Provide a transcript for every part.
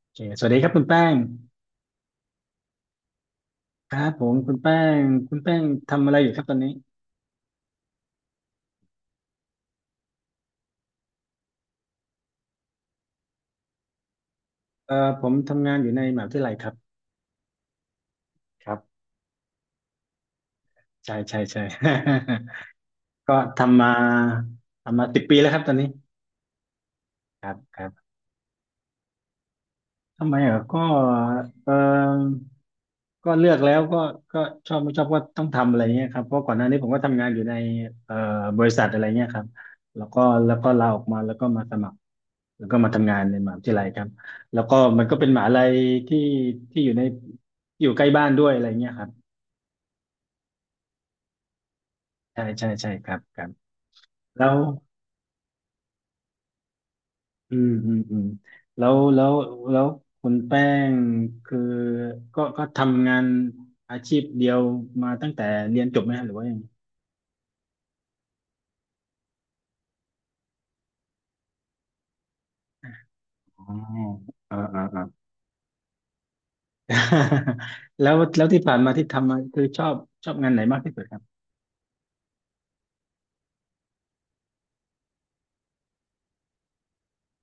โอเคสวัสดีครับคุณแป้งครับผมงคุณแป้งทำอะไรอยู่ครับตอนนี้ผมทำงานอยู่ในมหาวิทยาลัยครับครับใช่ใช่ใช่ ก็ทำมา10 ปีแล้วครับตอนนี้ครับครับ ทำไมเหรอก็เออก็เลือกแล้วก็ชอบไม่ชอบก็ต้องทำอะไรเงี้ยครับเพราะก่อนหน้านี้ผมก็ทำงานอยู่ในเอ่อบริษัทอะไรเงี้ยครับแล้วก็ลาออกมาแล้วก็มาสมัครแล้วก็มาทำงานในมหาวิทยาลัยครับแล้วก็มันก็เป็นมหาลัยที่ที่อยู่ใกล้บ้านด้วยอะไรเงี้ยครับใช่ใช่ใช่ครับครับแล้ว อืมอืมอืมแล้วแล้วแล้วคุณแป้งคือก็ทำงานอาชีพเดียวมาตั้งแต่เรียนจบไหมฮะหรือว่ายังไงอ๋ออ่าอ่าอ่า แล้วที่ผ่านมาที่ทำมาคือชอบงานไหนมากที่สุดครับ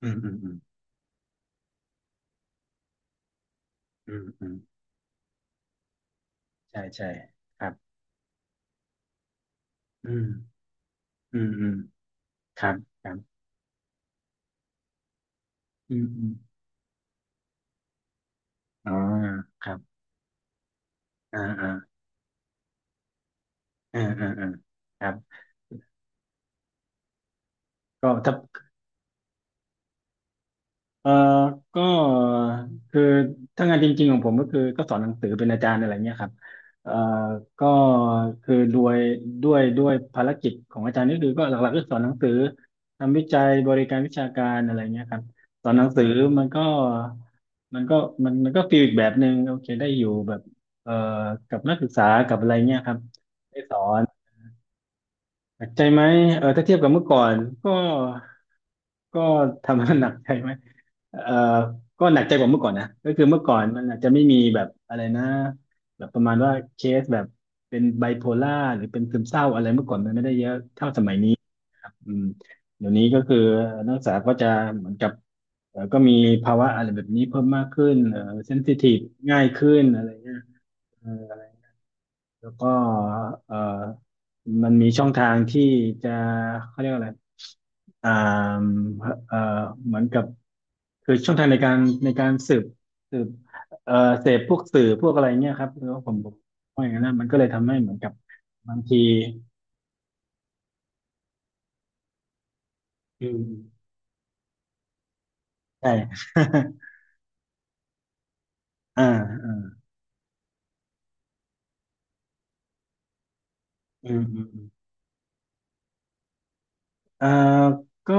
อืมอืมอืมอืมอืมใช่ใช่ครับอืมอืมอืมครับครับอืมอืมอ๋อครับอ่าอ่าอ่าอ่าอ่าครับก็ถ้า เออก็คือถ้างานจริงๆของผมก็คือก็สอนหนังสือเป็นอาจารย์อะไรเงี้ยครับเอ่อก็คือด้วยภารกิจของอาจารย์นี่คือก็หลักๆก็สอนหนังสือทำวิจัยบริการวิชาการอะไรเงี้ยครับสอนหนังสือมันก็มันก็มันก็ฟีลอีกแบบหนึ่งโอเคได้อยู่แบบเอ่อกับนักศึกษากับอะไรเงี้ยครับได้สอน หนักใจไหมเออถ้าเทียบกับเมื่อก่อนก็ก็ ทำให้หนักใจไหมเออก็หนักใจกว่าเมื่อก่อนนะก็คือเมื่อก่อนมันอาจจะไม่มีแบบอะไรนะแบบประมาณว่าเคสแบบเป็นไบโพล่าหรือเป็นซึมเศร้าอะไรเมื่อก่อนมันไม่ได้เยอะเท่าสมัยนี้อืมเดี๋ยวนี้ก็คือนักศึกษาก็จะเหมือนกับเออก็มีภาวะอะไรแบบนี้เพิ่มมากขึ้นเออเซนซิทีฟง่ายขึ้นอะไรเงี้ย แล้วก็เอ่อมันมีช่องทางที่จะเขาเรียกว่าอะไรอ่าเอ่อเหมือนกับคือช่องทางในการสืบสืบเอ่อเสพพวกสื่อพวกอะไรเงี้ยครับแล้วผมว่าอย่างนั้นนะมันก็เลยทำให้เหมือนกับบางทีอืมใช่ อ่าอ่าอืมอืม เอ่อก็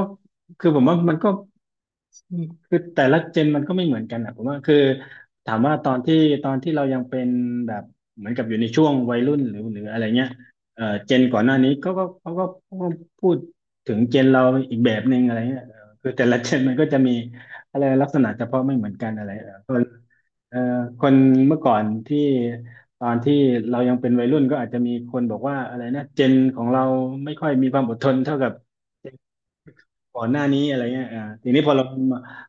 คือผมว่ามันก็คือแต่ละเจนมันก็ไม่เหมือนกันนะผมว่าคือถามว่าตอนที่เรายังเป็นแบบเหมือนกับอยู่ในช่วงวัยรุ่นหรืออะไรเงี้ยเจนก่อนหน้านี้ก็เขาก็พูดถึงเจนเราอีกแบบหนึ่งอะไรเงี้ยเออคือแต่ละเจนมันก็จะมีอะไรลักษณะเฉพาะไม่เหมือนกันอะไรเออคนเอ่อคนเมื่อก่อนที่ตอนที่เรายังเป็นวัยรุ่นก็อาจจะมีคนบอกว่าอะไรนะเจนของเราไม่ค่อยมีความอดทนเท่ากับ ก่อนหน้านี้อะไรเงี้ยอ่าทีนี้พอเรา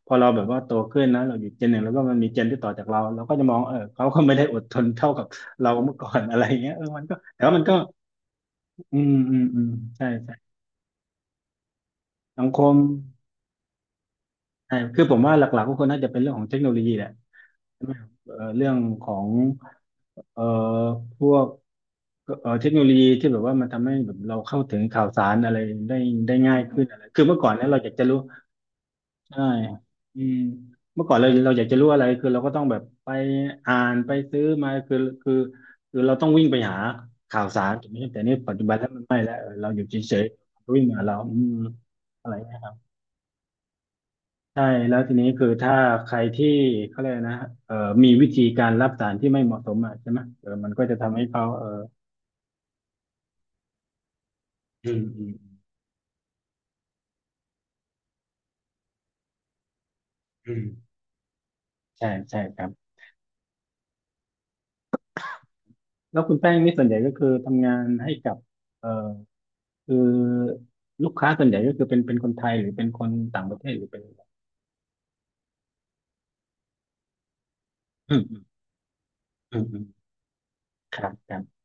แบบว่าโตขึ้นนะเราอยู่เจนหนึ่งแล้วก็มันมีเจนที่ต่อจากเราเราก็จะมองเออเขาก็ไม่ได้อดทนเท่ากับ เราเมื่อก่อนอะไรเงี้ยเออมันก็แต่ว่ามันก็อืมอืมอืมใช่ใช่สังคมใช่คือผมว่าหลักๆก็คงน่าจะเป็นเรื่องของเทคโนโลยีแหละใช่ไหมเออเรื่องของเอ่อพวกเทคโนโลยีที่แบบว่ามันทำให้แบบเราเข้าถึงข่าวสารอะไรได้ได้ง่ายขึ้นอะไรคือเมื่อก่อนเนี่ยเราอยากจะรู้ ใช่อืมเมื่อก่อนเราอยากจะรู้อะไรคือเราก็ต้องแบบไปอ่านไปซื้อมาคือคือเราต้องวิ่งไปหาข่าวสารถูกไหมแต่นี่ปัจจุบันแล้วมันไม่แล้วเออเราอยู่เฉยๆวิ่งมาเราอืมอะไรเงี้ยครับใช่แล้วทีนี้คือถ้าใครที่เขาเรียกนะเอ่อมีวิธีการรับสารที่ไม่เหมาะสมอ่ะใช่ไหมเออมันก็จะทำให้เขาเอออืมอืมอืมใช่ใช่ครับแล้วคุณแป้งนี่ส่วนใหญ่ก็คือทำงานให้กับเอ่อ คือลูกค้าส่วนใหญ่ก็คือเป็นคนไทยหรือเป็นคนต่างประเทศหรือเป็นอืมอืมอืมอืมครับครับ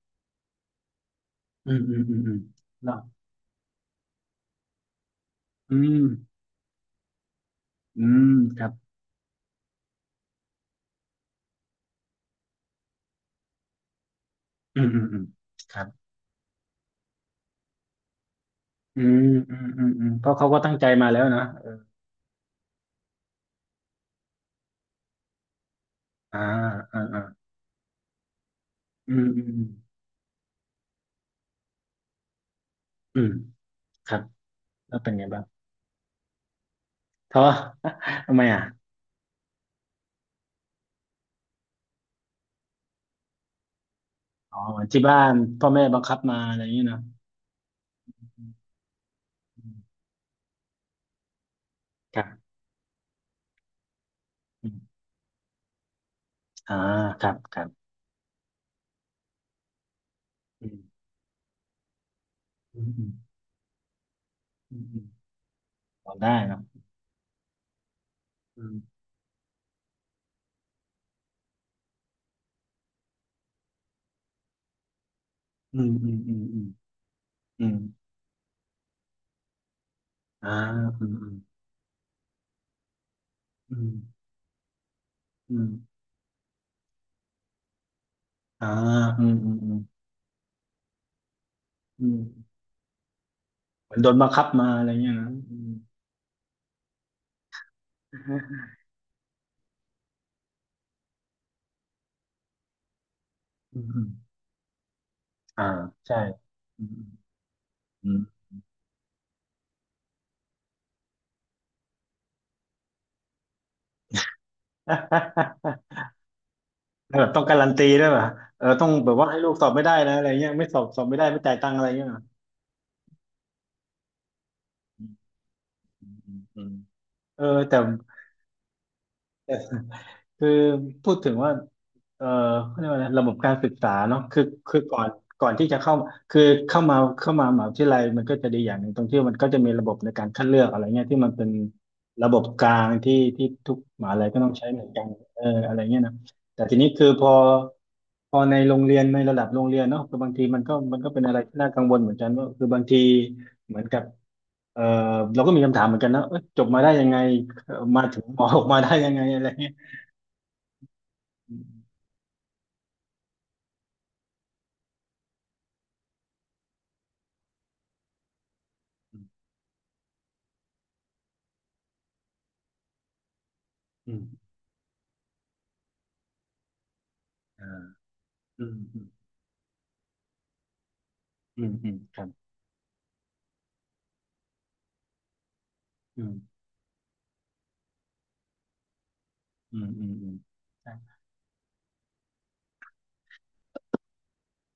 อืมอืมอืมอืมเนาะอืมอืมครับอืมอืมอืมครับอืมอืมอืมอืมเพราะเขาก็ตั้งใจมาแล้วนะเอออ่าอ่าอ่าอืมอืมอืมอืมครับแล้วเป็นไงบ้างท้อ ทำไมอ่ะอ๋อเหมือนที่บ้านพ่อแม่บังคับมาอะไรอย่างนี้เนาะอืมอืมครับอืมอ่าครับครับอืมอืมอืมอืมอืมพอได้เนาะ อืมอืมอืมอืมอืมอ่าอืมอืมอืมอืมอ่าอืมอืมอืมอืมเหมือนโดนบังคับมาอะไรเงี้ยนะอืมอืมอืมอ่าใช่อืมอืมอืม แลบบต้องการันตีด้วยป่ะเออต้องแบบว่าให้ลูกสอบไม่ได้นะอะไรเงี้ยไม่สอบสอบไม่ได้ไม่จ่ายตังค์อะไรเงี้ยเหรออืมอืมเออแต่ คือพูดถึงว่าเอ่อเขาเรียกว่าอะไรระบบการศึกษาเนาะคือคือก่อนก่อนที่จะเข้าคือเข้ามามหาวิทยาลัยมันก็จะดีอย่างหนึ่งตรงที่มันก็จะมีระบบในการคัดเลือกอะไรเงี้ยที่มันเป็นระบบกลางที่ทุกมหาลัยก็ต้องใช้เหมือนกันเอออะไรเงี้ยนะแต่ทีนี้คือพอในโรงเรียนในระดับโรงเรียนเนาะคือบางทีมันก็มันก็เป็นอะไรที่น่ากังวลเหมือนกันว่าคือบางทีเหมือนกับเออเราก็มีคำถามเหมือนกันนะเอ้ยจบมาได้ยังไงมาถึงหมอออกมาได้ยังไงอะไรเงี้ย อืมออาอืมอืมอืมอืมครับอืมอืมอืมอืมใช่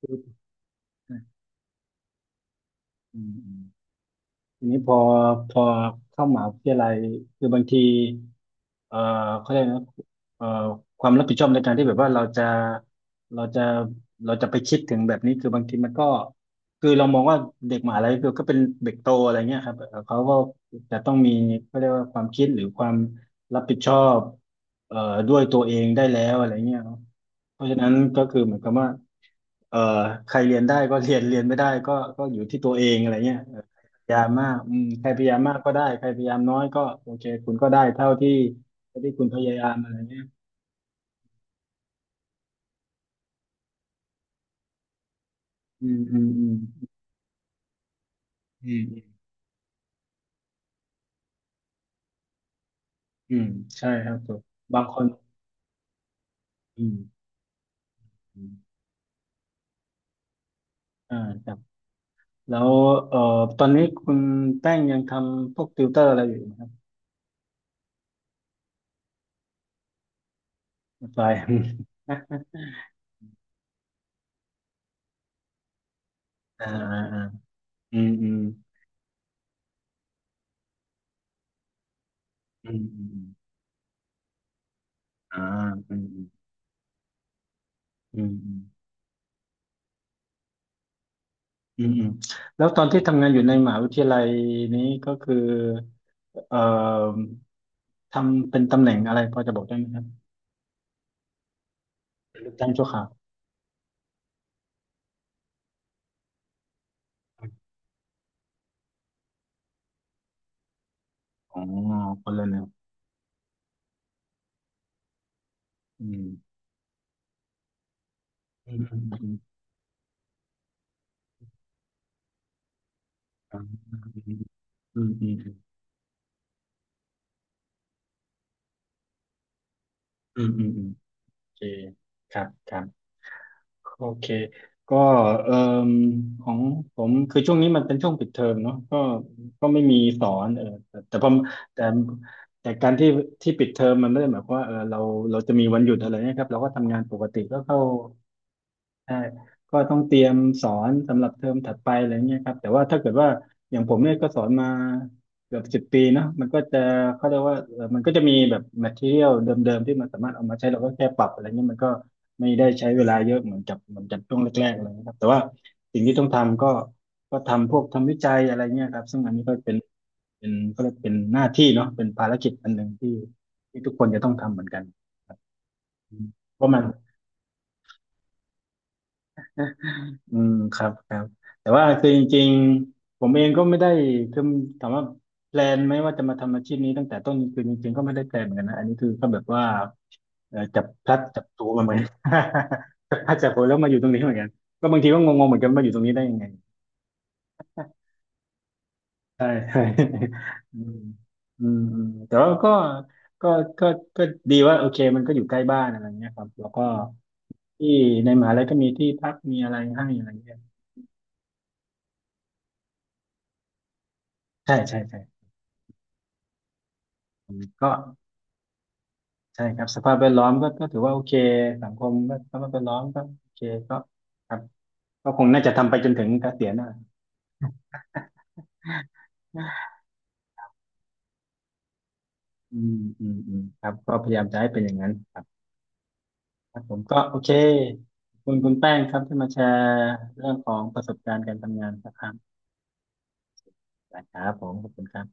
คืออืมอืมทีนี้พอเข้ามหาวิทยาลัยคือบางทีเอ่อเขาเรียกนะเอ่อความรับผิดชอบในการที่แบบว่าเราจะเราจะไปคิดถึงแบบนี้ คือบางทีมันก็คือเรามองว่าเด็กมหาลัยคือก็เป็นเด็กโตอะไรเงี้ยครับเขาก็จะต้องมีเขาเรียกว่าความคิดหรือความรับผิดชอบเอ่อด้วยตัวเองได้แล้วอะไรเงี้ย เพราะฉะนั้นก็คือเหมือนกับว่าเอ่อใครเรียนได้ก็ เรียนไม่ได้ก็ก็อยู่ที่ตัวเองอะไรเงี้ยเออพยายามมากอืมใครพยายามมากก็ได้ใครพยายามน้อยก็โอเคคุณก็ได้เท่าที่คุณพยายามอะไรเงี้ยอืมอืมอืมอืมอืมอืมใช่ครับผมบางคนอืมอืมอ่าครับแล้วเอ่อตอนนี้คุณแป้งยังทำพวกติวเตอร์อะไรอยู่ไหมครับไป อ่าอ่าอ่าออืมอืมอืมอืมอ่าอืมอืมอืม อืมอืมแล้วตอนที่ทำงานอยู่ในมหาวิทยาลัยนี้ก็คือเอ่อทำเป็นตำแหน่งอะไรพอจะบอกได้ไหมครับเป็นลูกจ้างชั่วคราวอ๋อคนละแนวอืมอืมอืมอืมอืมอืมอืมอืมอืมอืมอืมโอเคครับครับ โอเค ก็เอ่มของผมคือช่วงนี้มันเป็นช่วงปิดเทอมเนาะก็ก็ไม่มีสอนเออแต่แต่พอแต่แต่การที่ที่ปิดเทอมมันไม่ได้หมายความว่าเออเราจะมีวันหยุดอะไรนะครับเราก็ทำงานปกติก็เข้า ใช่ ก็ต้องเตรียมสอนสำหรับเทอมถัดไปอะไรเงี้ยครับแต่ว่าถ้าเกิดว่าอย่างผมเนี่ยก็สอนมาเกือบสิบปีเนาะมันก็จะเขาเรียกว่ามันก็จะมีแบบ material เดิมๆที่มันสามารถเอามาใช้เราก็แค่ปรับอะไรเงี้ยมันก็ไม่ได้ใช้เวลาเยอะเหมือนกับช่วงแรกๆอะไรเงี้ยครับแต่ว่าสิ่งที่ต้องทำก็ก็ทำพวกทำวิจัยอะไรเงี้ยครับ ซึ่งอันนี้ก็เป็นเป็นก็เรียกเป็นหน้าที่เนาะเป็นภารกิจอันหนึ่งที่ที่ทุกคนจะต้องทำเหมือนกันอืมเพราะมัน อืมครับครับแต่ว่าคือจริงๆผมเองก็ไม่ได้คือถามว่าแพลนไหมว่าจะมาทำอาชีพนี้ตั้งแต่ต้นคือจริงๆก็ไม่ได้แพลนเหมือนกันนะอันนี้คือก็แบบว่าเออจับพลัดจับถูมาเหมือน จับพลัดจับผลูแล้วมาอยู่ตรงนี้เหมือนกันก็บางทีก็งงๆเหมือนกันมาอยู่ตรงนี้ได้ยังไงใช่ใช่อืมอืมอืมแต่ว่าก็ก็ก็ดีว่าโอเคมันก็อยู่ใกล้บ้านอะไรเงี้ยครับแล้วก็ที่ในมหาลัยก็มีที่พักมีอะไรให้อะไรเงี้ยใช่ใช่ใช่อืมก็ ใช่ครับสภาพแวดล้อมก็ก็ถือว่าโอเคสังคมก็สภาพแวดล้อมก็โอเคก็ครับก็คงน่าจะทำไปจนถึงเกษียณนะอืมอืมอืมครับก็พยายามจะให้เป็นอย่างนั้นครับครับผมก็โอเคขอบคุณคุณแป้งครับที่มาแชร์เรื่องของประสบการณ์การทำงานสักครั้งนะครับผมขอบคุณครับ